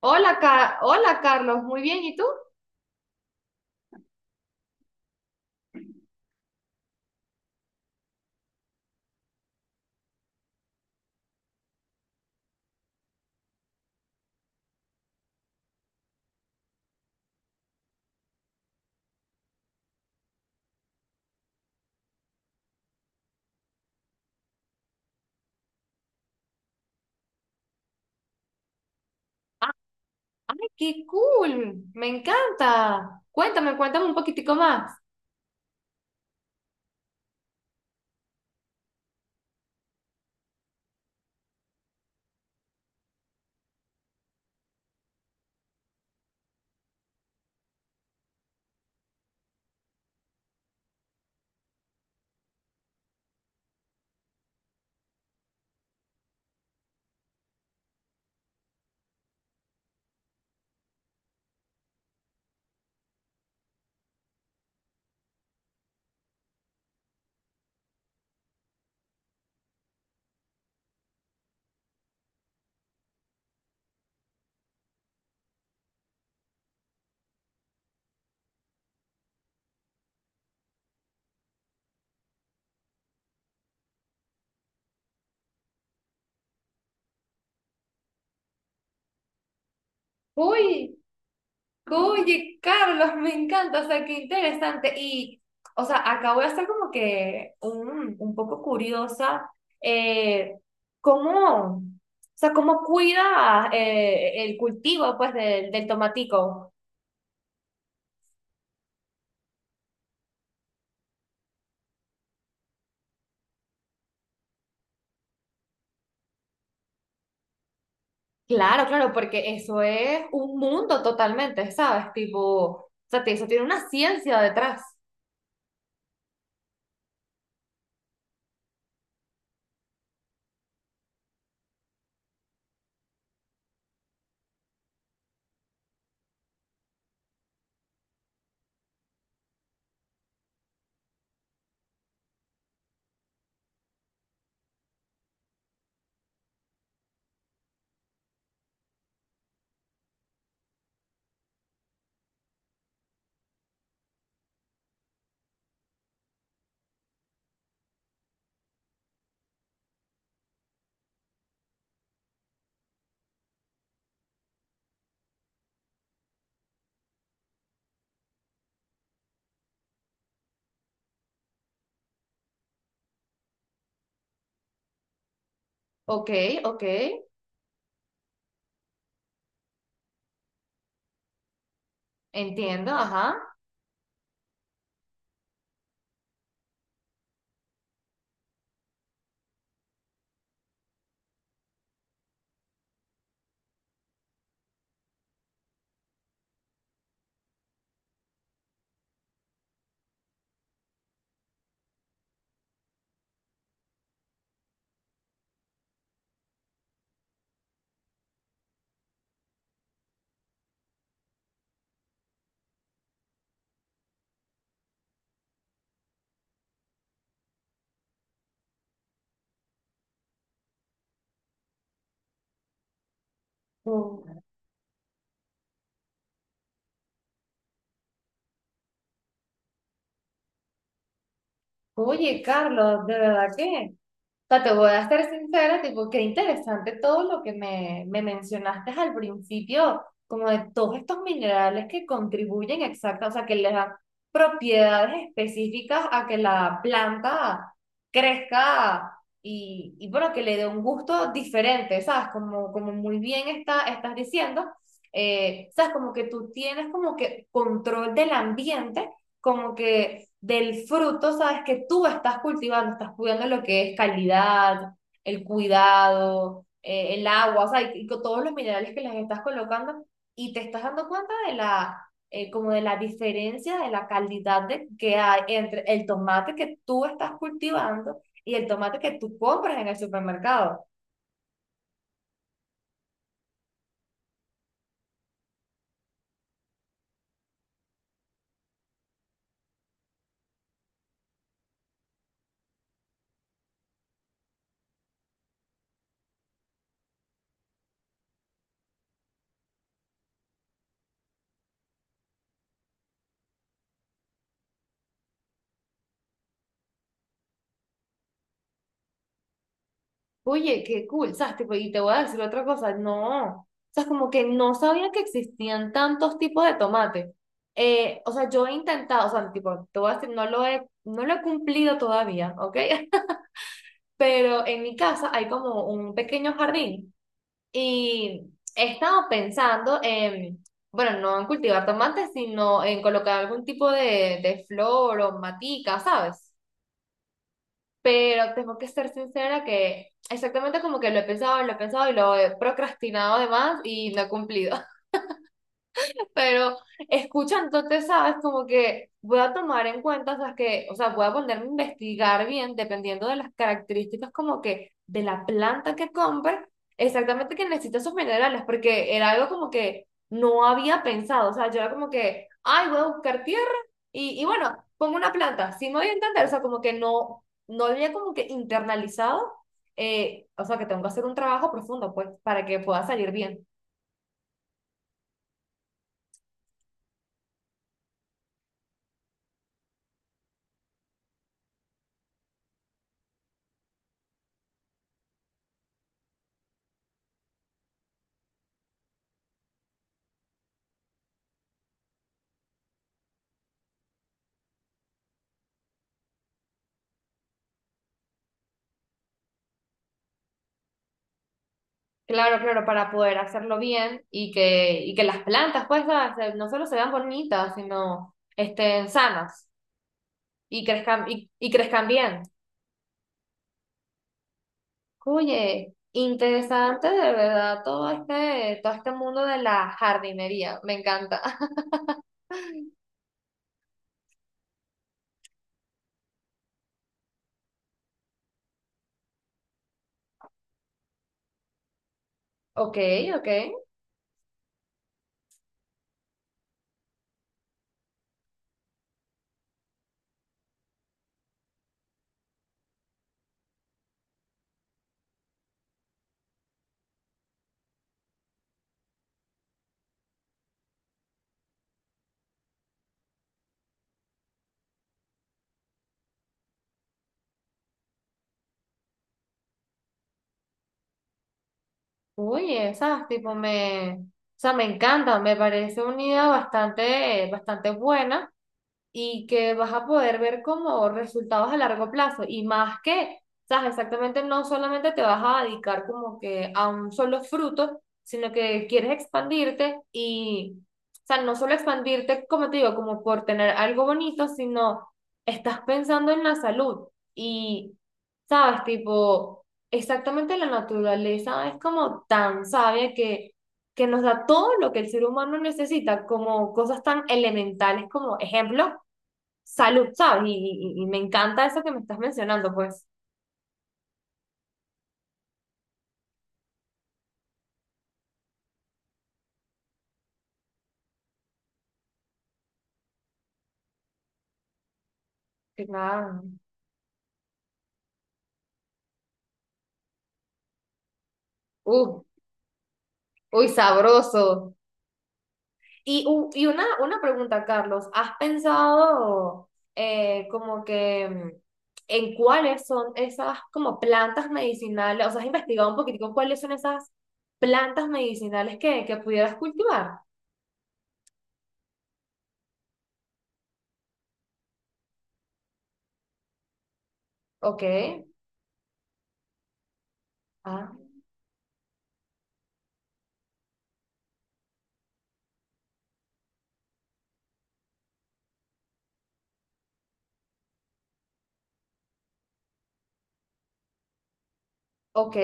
Hola, hola Carlos, muy bien, ¿y tú? Ah, ¡Ay, qué cool! Me encanta. Cuéntame, cuéntame un poquitico más. Uy. Oye, Carlos, me encanta, o sea, qué interesante. Y, o sea, acabo de estar como que un poco curiosa, eh, ¿cómo, o sea, cómo cuida el cultivo, pues, del tomatico? Claro, claro, porque eso es un mundo totalmente, ¿sabes? Tipo, o sea, eso tiene una ciencia detrás. Ok, ok, entiendo, ajá. Oye, Carlos, de verdad que... O sea, te voy a ser sincera, tipo, qué interesante todo lo que me mencionaste al principio, como de todos estos minerales que contribuyen exacta, o sea, que les dan propiedades específicas a que la planta crezca y bueno, que le dé un gusto diferente, ¿sabes? Como, como muy bien estás diciendo, ¿sabes? Como que tú tienes como que control del ambiente, como que del fruto, sabes que tú estás cultivando, estás cuidando lo que es calidad, el cuidado, el agua, o sea, y con todos los minerales que les estás colocando y te estás dando cuenta de la, como de la diferencia de la calidad de, que hay entre el tomate que tú estás cultivando y el tomate que tú compras en el supermercado. Oye, qué cool, ¿sabes? Tipo, y te voy a decir otra cosa, no, o sea, es como que no sabía que existían tantos tipos de tomate. O sea, yo he intentado, o sea, tipo, te voy a decir, no lo he cumplido todavía, ¿ok? Pero en mi casa hay como un pequeño jardín y he estado pensando en, bueno, no en cultivar tomates, sino en colocar algún tipo de flor o matica, ¿sabes? Pero tengo que ser sincera que exactamente como que lo he pensado y lo he procrastinado además y no he cumplido. Pero escucha entonces sabes, como que voy a tomar en cuenta, o sea, que, o sea, voy a ponerme a investigar bien, dependiendo de las características como que de la planta que compre, exactamente que necesita esos minerales, porque era algo como que no había pensado, o sea, yo era como que, ay, voy a buscar tierra y bueno, pongo una planta, sí me voy a entender, o sea, como que no, no había como que internalizado, o sea, que tengo que hacer un trabajo profundo, pues, para que pueda salir bien. Claro, claro, para poder hacerlo bien y que las plantas, pues, nada, no solo se vean bonitas, sino estén sanas y crezcan bien. Oye, interesante de verdad todo este mundo de la jardinería, me encanta. Ok, ok. Oye, esas tipo me, o sea, me encanta, me parece una idea bastante, bastante buena. Y que vas a poder ver como resultados a largo plazo y más que, sabes, exactamente no solamente te vas a dedicar como que a un solo fruto, sino que quieres expandirte y, o sea, no solo expandirte, como te digo, como por tener algo bonito, sino estás pensando en la salud y, sabes, tipo, exactamente la naturaleza es como tan sabia que nos da todo lo que el ser humano necesita, como cosas tan elementales como ejemplo, salud, ¿sabes? Y me encanta eso que me estás mencionando, pues. Que nada. Uh, uy, sabroso. Y, y una pregunta, Carlos, ¿has pensado como que en cuáles son esas como plantas medicinales? O sea, ¿has investigado un poquitico cuáles son esas plantas medicinales que pudieras cultivar? Ok, ah, ok,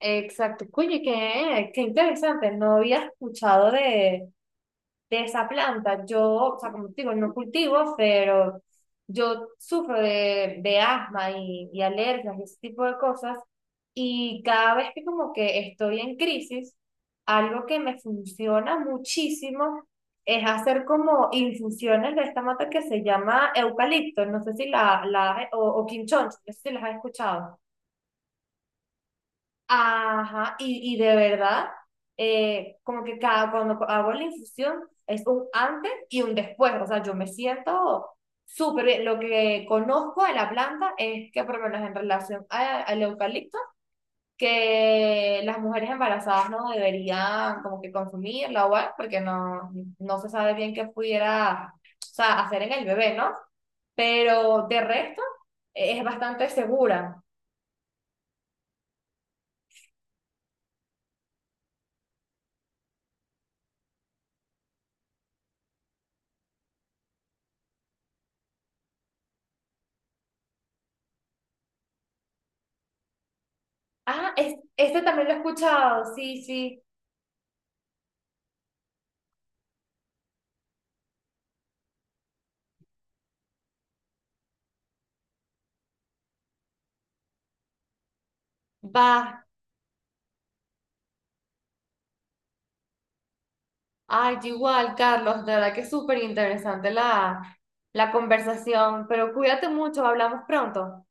exacto. Oye, qué, qué interesante, no había escuchado de esa planta. Yo, o sea, como te digo, no cultivo, pero yo sufro de asma y alergias y ese tipo de cosas. Y cada vez que como que estoy en crisis, algo que me funciona muchísimo es hacer como infusiones de esta mata que se llama eucalipto. No sé si la, la o quinchón, no sé si las has escuchado. Ajá, y de verdad, como que cada, cuando hago la infusión es un antes y un después, o sea, yo me siento súper bien. Lo que conozco de la planta es que, por lo menos en relación al eucalipto, que las mujeres embarazadas no deberían como que consumirla o algo, porque no, no se sabe bien qué pudiera, o sea, hacer en el bebé, ¿no? Pero de resto, es bastante segura. Ah, este también lo he escuchado, sí, sí, va. Ay, yo igual, Carlos, de verdad que es súper interesante la, la conversación, pero cuídate mucho, hablamos pronto.